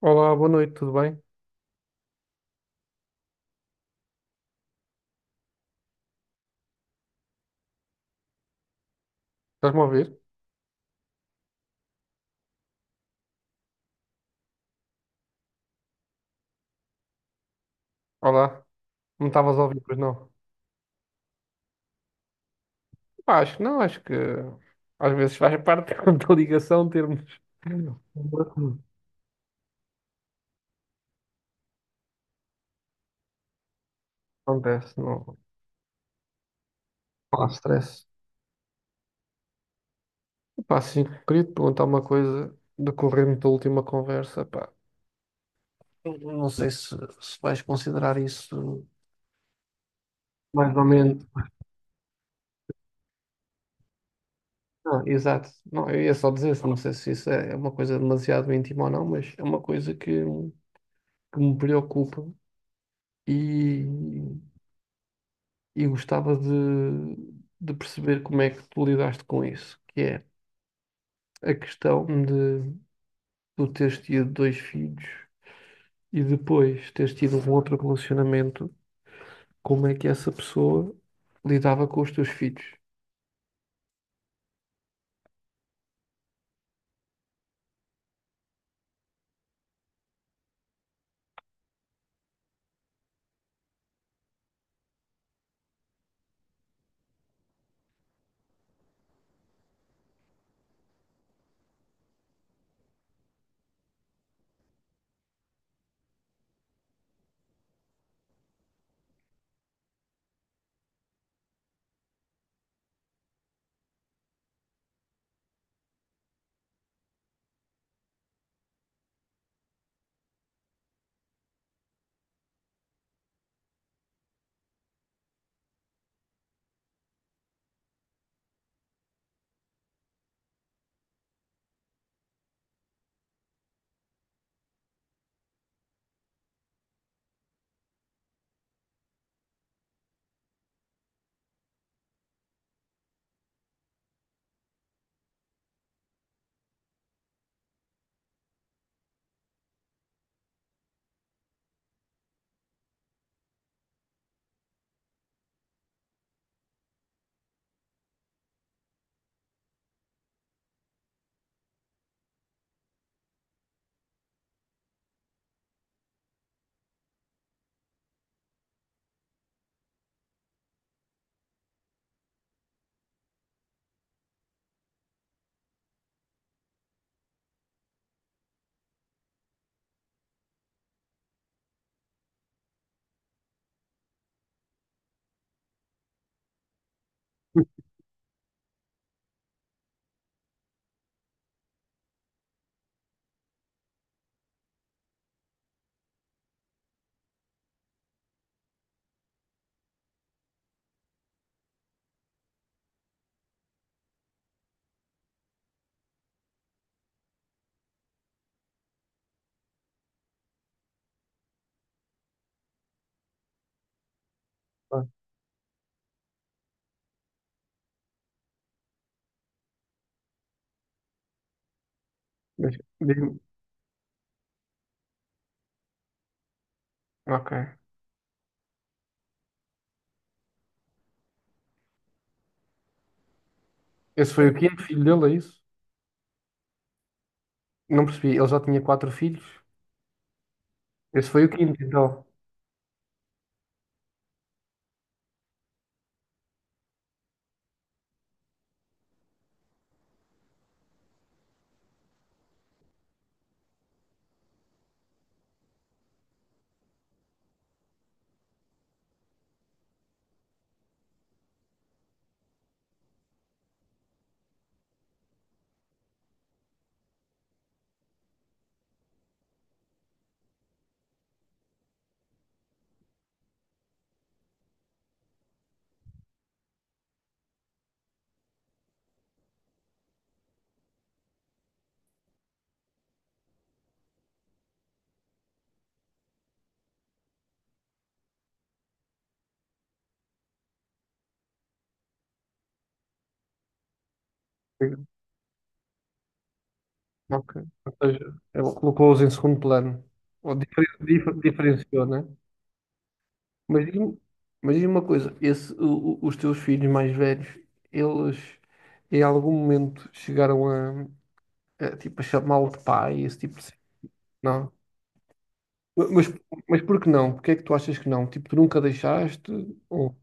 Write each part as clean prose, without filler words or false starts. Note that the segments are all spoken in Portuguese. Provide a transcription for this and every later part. Olá, boa noite, tudo bem? Estás-me a ouvir? Olá, não estavas a ouvir, pois não? Pá, acho que não, acho que às vezes faz parte da ligação termos. Acontece, não, não há stress. Pá, sim, queria te perguntar uma coisa decorrente da última conversa, pá. Eu não sei se, se vais considerar isso mais ou menos. Não, exato. Não, eu ia só dizer, isso, não sei se isso é uma coisa demasiado íntima ou não, mas é uma coisa que me preocupa e e gostava de perceber como é que tu lidaste com isso, que é a questão de tu teres tido dois filhos e depois teres tido um outro relacionamento, como é que essa pessoa lidava com os teus filhos? Ah, mas digo- ok. Esse foi o quinto filho dele, é isso? Não percebi. Ele já tinha quatro filhos. Esse foi o quinto, então. Ok. Ou seja, ele colocou-os em segundo plano. Ou diferenciou, né? Mas diz-me mas diz-me uma coisa, esse, os teus filhos mais velhos, eles em algum momento chegaram a, tipo, a chamá-lo de pai, esse tipo de cena? Não. Mas, mas por que não? Porque é que tu achas que não? Tipo, tu nunca deixaste? Ou,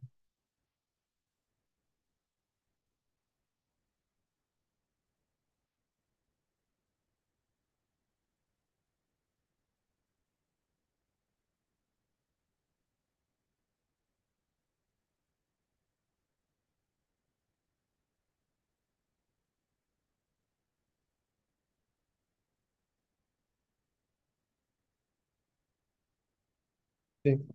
sim.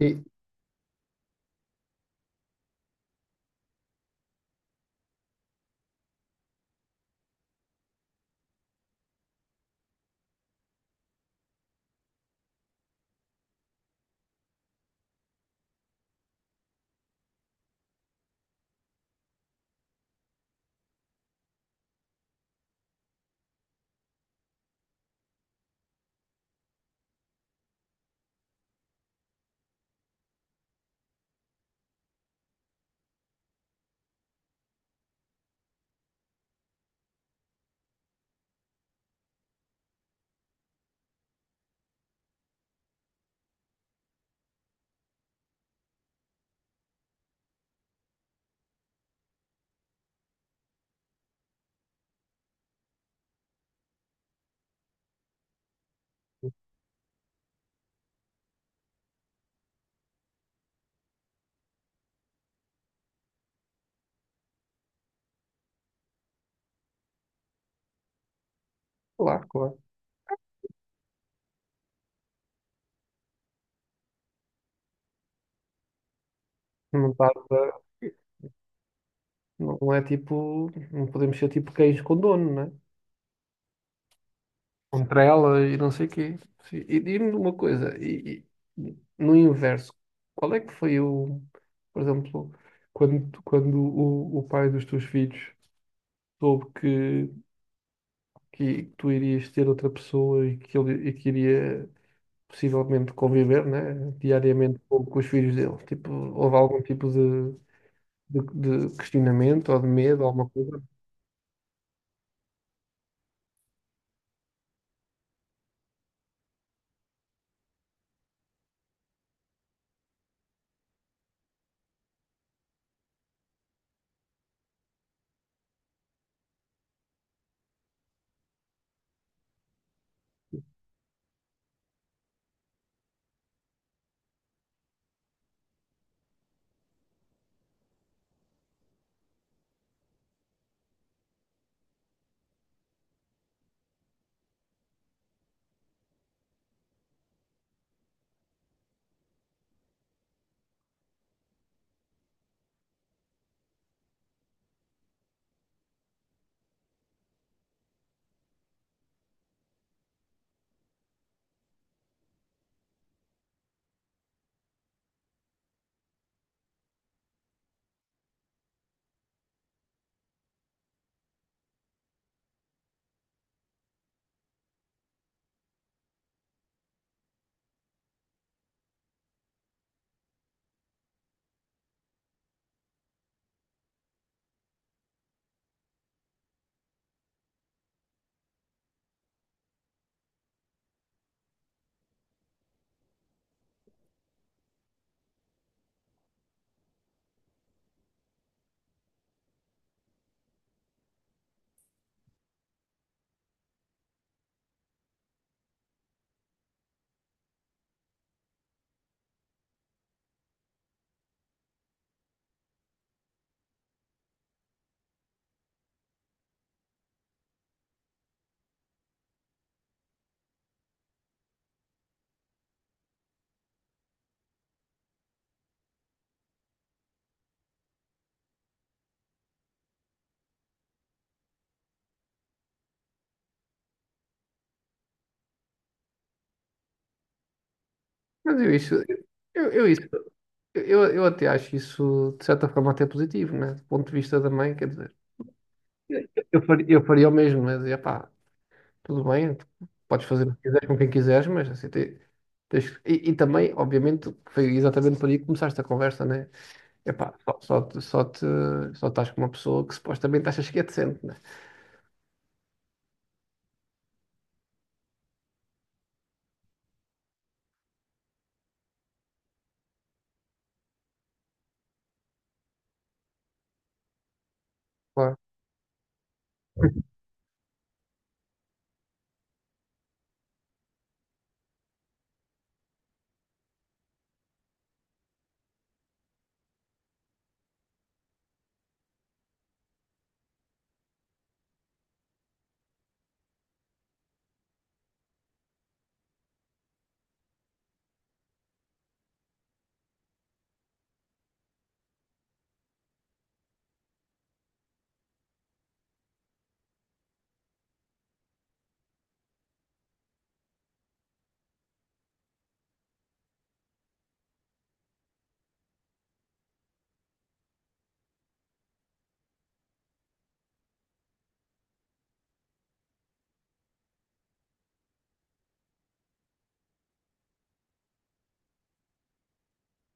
E, claro, claro. Não estás a- Não é tipo, não podemos ser tipo cães com dono, né? Contra ela e não sei o quê. Sim, e diz-me uma coisa, e no inverso, qual é que foi o, por exemplo, quando, quando o pai dos teus filhos soube que tu irias ter outra pessoa e que ele e que iria possivelmente conviver, né, diariamente com os filhos dele? Tipo, houve algum tipo de, de questionamento ou de medo, alguma coisa? Mas eu isso, eu até acho isso, de certa forma, até positivo, né? Do ponto de vista da mãe, quer dizer, eu faria o mesmo, né? Dizia, pá, tudo bem, tu podes fazer o que quiseres com quem quiseres, mas assim, tens que- e também, obviamente, foi exatamente por aí que começaste a conversa, né? É pá, só estás com uma pessoa que supostamente achas que é decente, né? Claro.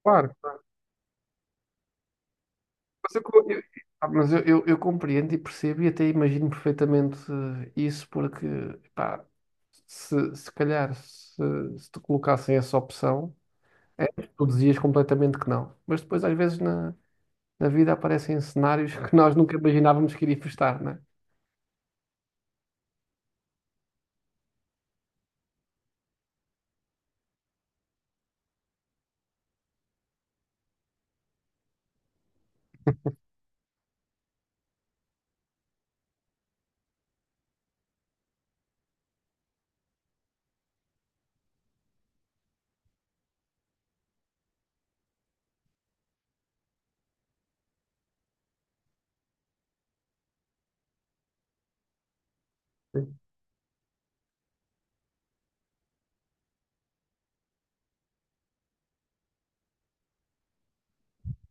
Claro. Mas eu, co- eu- ah, mas eu compreendo e percebo e até imagino perfeitamente eh, isso, porque, pá, se calhar, se te colocassem essa opção, é, tu dizias completamente que não. Mas depois, às vezes, na, na vida aparecem cenários que nós nunca imaginávamos que iria estar, não é?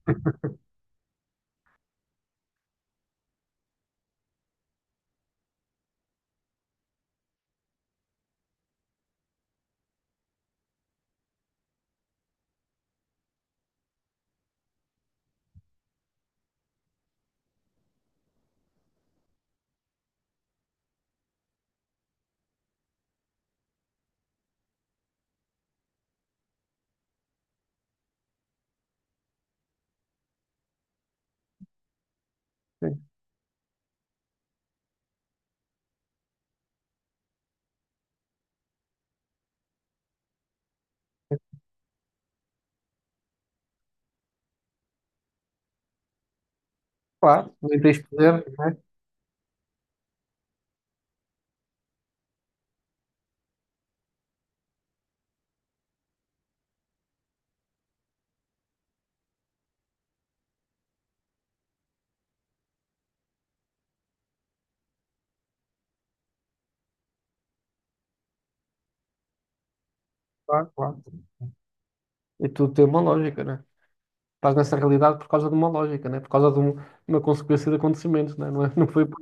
Sim, sim. Claro, nem tens poder, não é? Claro, claro. E tudo tem uma lógica, né é? Estás nessa realidade por causa de uma lógica, né? Por causa de uma consequência de acontecimentos, não é? Não foi por...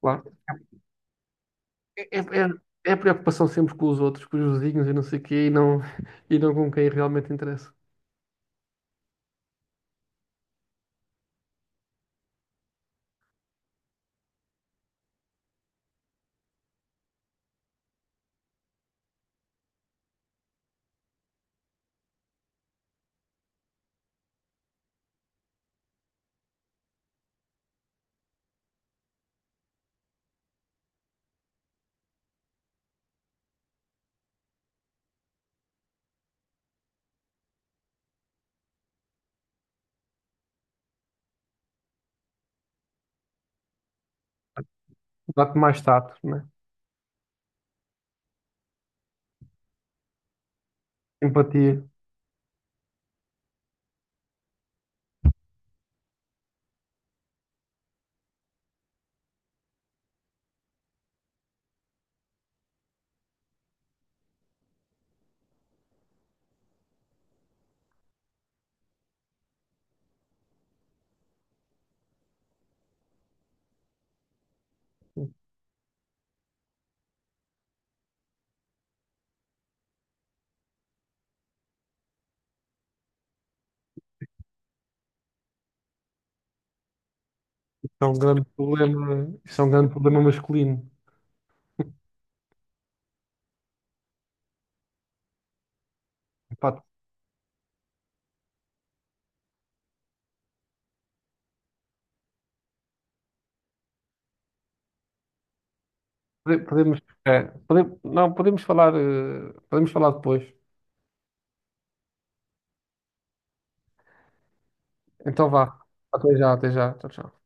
Claro. É, é, é é a preocupação sempre com os outros, com os vizinhos e não sei o quê, e não, e não com quem realmente interessa. Dá-te mais tato, né? Empatia. Isso é um grande problema, isso é um grande problema masculino. Pá, podemos, é, pode- não, podemos falar, podemos falar depois. Então vá. Até já, até já. Tchau, tchau.